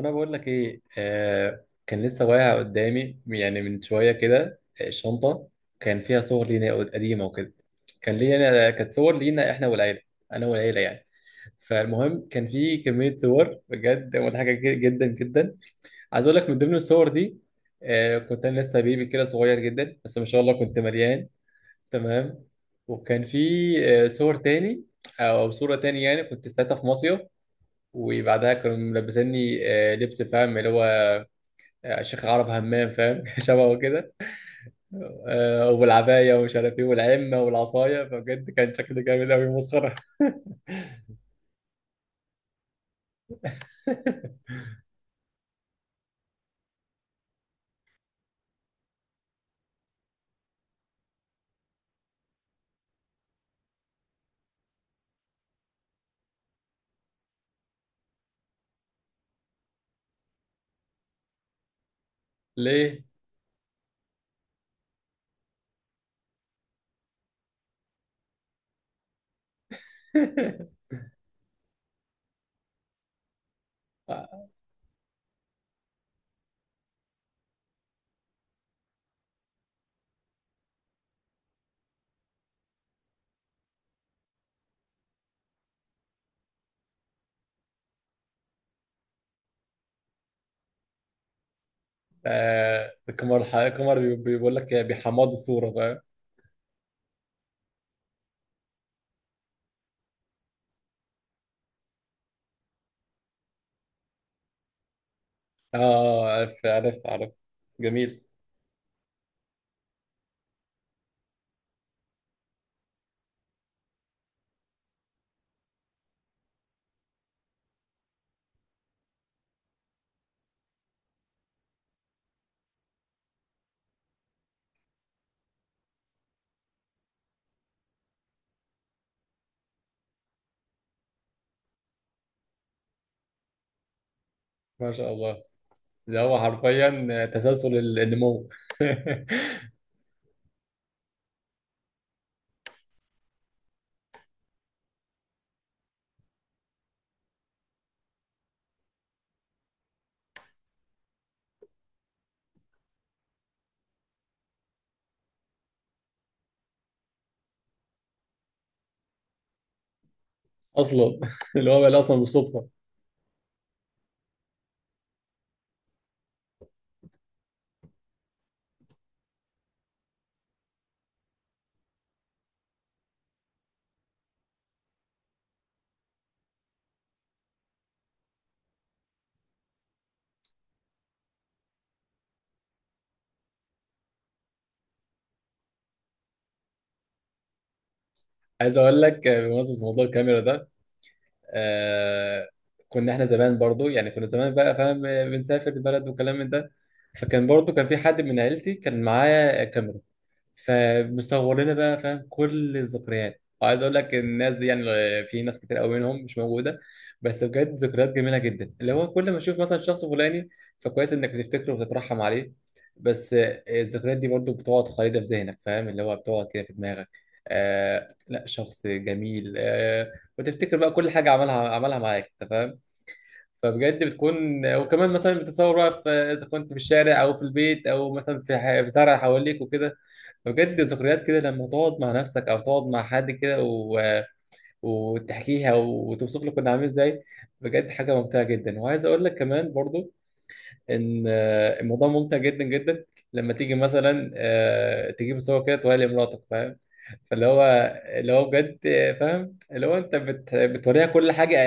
انا بقول لك ايه، آه كان لسه واقع قدامي يعني من شويه كده، شنطه كان فيها صور لينا قديمه وكده. كانت صور لينا احنا والعيله، انا والعيله يعني. فالمهم كان في كميه صور بجد مضحكه جدا جدا. عايز اقول لك من ضمن الصور دي، آه كنت انا لسه بيبي كده صغير جدا، بس ما شاء الله كنت مليان. تمام. وكان في آه صور تاني او صوره تاني، يعني كنت ساعتها في مصيف، وبعدها كانوا ملبسيني لبس، فاهم اللي هو شيخ عرب همام، فاهم شبهه كده. والعباية ومش عارف ايه والعمة والعصاية، فبجد كان شكله جامد أوي مسخرة. ليه؟ آه، القمر بيقول لك بيحمضوا الصورة، فاهم؟ اه، عارف عارف عارف. جميل. ما شاء الله، ده هو حرفيا تسلسل النمو. اصلا، اللي هو بقى اصلا بالصدفة. عايز اقول لك بمناسبة موضوع الكاميرا ده، آه كنا احنا زمان برضو، يعني كنا زمان بقى فاهم بنسافر البلد وكلام من ده. فكان برضو كان في حد من عيلتي كان معاه كاميرا، فمصور لنا بقى فاهم كل الذكريات. وعايز اقول لك الناس دي يعني في ناس كتير قوي منهم مش موجوده، بس بجد ذكريات جميله جدا، اللي هو كل ما تشوف مثلا شخص فلاني، فكويس انك بتفتكره وتترحم عليه. بس الذكريات دي برضو بتقعد خالده في ذهنك، فاهم اللي هو بتقعد كده في دماغك. آه لا، شخص جميل آه. وتفتكر بقى كل حاجه عملها معاك، انت فاهم. فبجد بتكون، وكمان مثلا بتتصور بقى في، اذا كنت في الشارع او في البيت او مثلا في زرع حواليك وكده. بجد ذكريات كده لما تقعد مع نفسك او تقعد مع حد كده وتحكيها وتوصف لك كنا عامل ازاي. بجد حاجه ممتعه جدا. وعايز اقول لك كمان برضو ان آه، الموضوع ممتع جدا جدا لما تيجي مثلا آه، تجيب صور كده توريها لمراتك، فاهم؟ فاللي هو اللي هو بجد آه، فاهم اللي هو انت بتوريها كل حاجه.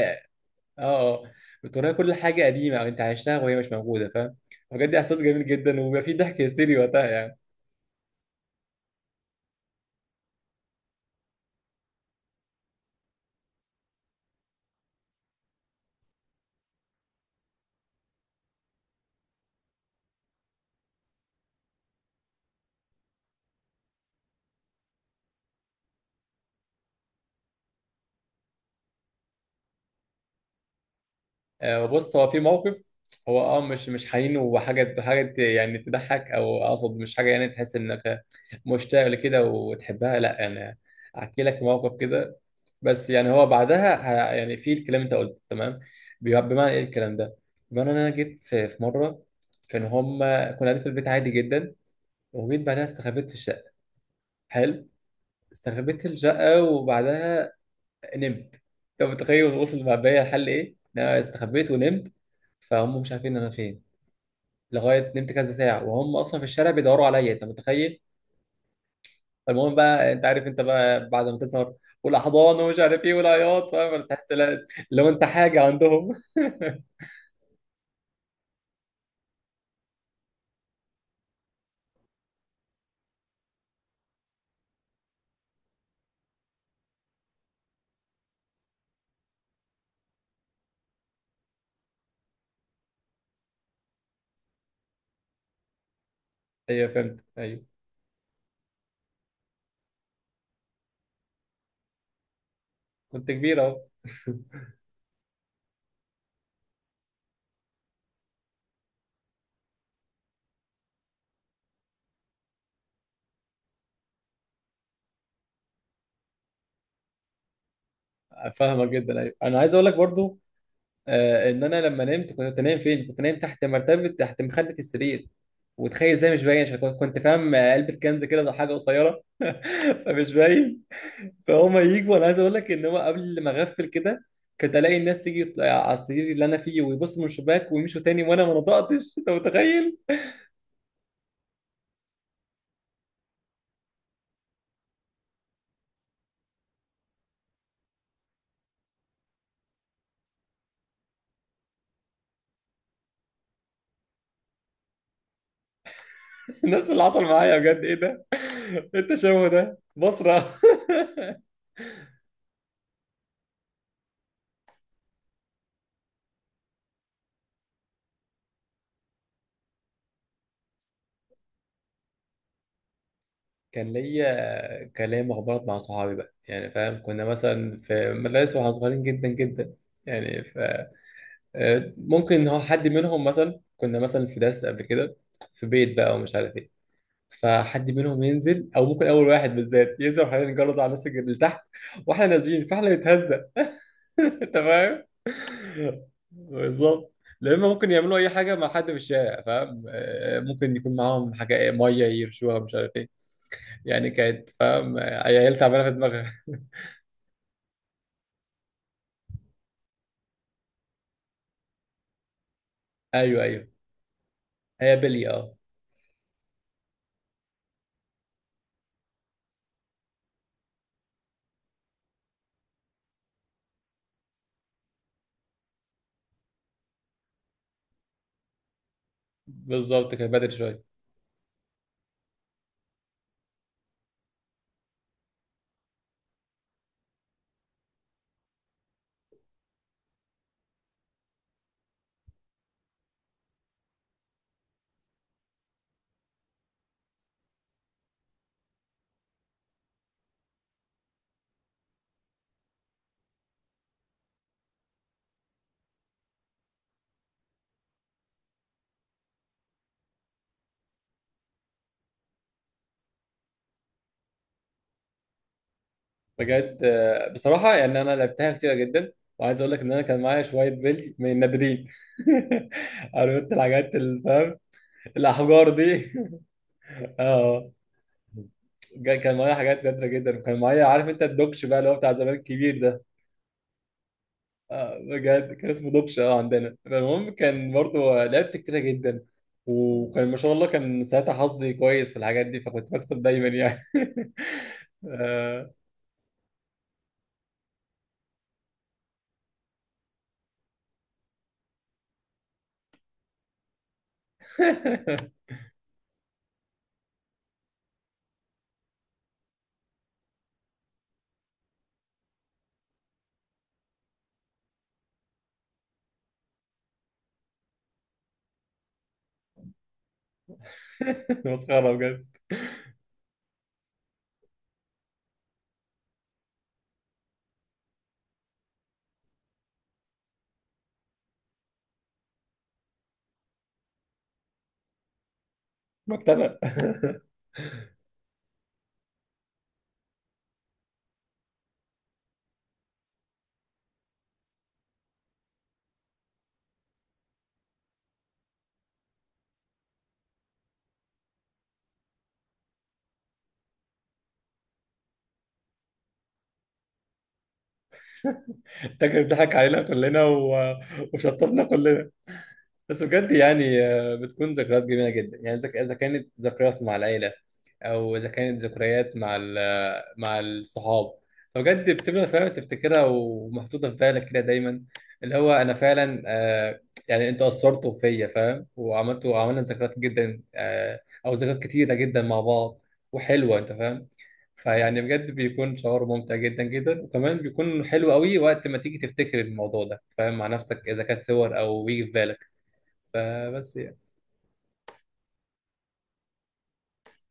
اه، اه. بتوريها كل حاجه قديمه او انت عشتها وهي مش موجوده، فاهم. بجد احساس جميل جدا، وبيبقى فيه ضحك هستيري وقتها يعني. آه، بص هو في موقف، هو اه مش مش حنين وحاجه يعني تضحك، او اقصد مش حاجه يعني تحس انك مشتاق لكده وتحبها، لا يعني. احكي لك موقف كده، بس يعني هو بعدها يعني في الكلام انت قلته تمام، بمعنى ايه الكلام ده؟ بمعنى ان انا جيت في مره كان هم كنا قاعدين في البيت عادي جدا، وجيت بعدها استخبيت في الشقه. حلو. استخبيت في الشقه، وبعدها نمت. انت متخيل وصل مع بيا الحل ايه؟ إن انا استخبيت ونمت، فهم مش عارفين انا فين. لغايه نمت كذا ساعه وهم اصلا في الشارع بيدوروا عليا، انت متخيل؟ فالمهم بقى انت عارف انت بقى بعد ما تظهر والاحضان ومش عارف ايه والعياط، فاهم تحس لو انت حاجه عندهم. ايوه فهمت، ايوه كنت كبير اهو. فاهمك جدا، ايوه. انا عايز اقول لك برضو آه ان انا لما نمت كنت نايم فين؟ كنت نايم تحت مرتبه تحت مخده السرير، وتخيل ازاي مش باين عشان كنت فاهم آه، علبه كنز كده ولا حاجه قصيره، فمش باين. فهم يجوا، انا عايز اقول لك ان هو قبل ما اغفل كده، كنت الاقي الناس تيجي تطلع على السرير اللي انا فيه ويبصوا من الشباك ويمشوا تاني، وانا ما نطقتش، انت متخيل؟ نفس اللي حصل معايا بجد، ايه ده. التشوه ده بصرة. كان ليا كلام اخبارات مع صحابي بقى، يعني فاهم كنا مثلا في مدارس واحنا صغيرين جدا جدا. يعني ف آه، ممكن إن هو حد منهم، مثلا كنا مثلا في درس قبل كده في بيت بقى ومش عارف إيه. فحد منهم ينزل او ممكن اول واحد بالذات ينزل، وحنا نجرز على الناس اللي تحت، واحنا نازلين فاحنا نتهزق. انت فاهم. بالظبط. لا، اما ممكن يعملوا اي حاجه مع حد في الشارع فاهم، آه، ممكن يكون معاهم حاجه إيه، ميه يرشوها مش عارف ايه. يعني كانت فاهم آه، عيال تعبانه في دماغها. ايوه ايوه، هي بلي اه. بالظبط كانت بدري شويه. بجد آه، بصراحه يعني انا لعبتها كتير جدا، وعايز اقول لك ان انا كان معايا شويه بلي من النادرين. عرفت الحاجات اللي فاهم. الاحجار دي. اه، كان معايا حاجات نادره جدا، وكان معايا عارف انت الدوكش بقى اللي هو بتاع زمان الكبير ده. آه، بجد كان اسمه دوكش اه عندنا. فالمهم كان برضه لعبت كتيره جدا، وكان ما شاء الله كان ساعتها حظي كويس في الحاجات دي، فكنت بكسب دايما يعني. آه. مسخره بجد. مكتبه. فاكر ضحك علينا كلنا وشطبنا كلنا. بس بجد يعني آه، بتكون ذكريات جميله جدا، يعني إذا كانت ذكريات مع العيله او اذا كانت ذكريات مع مع الصحاب، فبجد بتبقى فعلا تفتكرها ومحطوطه في بالك كده دايما. اللي هو انا فعلا آه، يعني انتوا اثرتوا فيا فاهم، عملنا ذكريات جدا آه، او ذكريات كتيره جدا مع بعض، وحلوه انت فاهم. فيعني بجد بيكون شعور ممتع جدا جدا، وكمان بيكون حلو قوي وقت ما تيجي تفتكر الموضوع ده، فاهم مع نفسك، اذا كانت صور او يجي في بالك. فبس.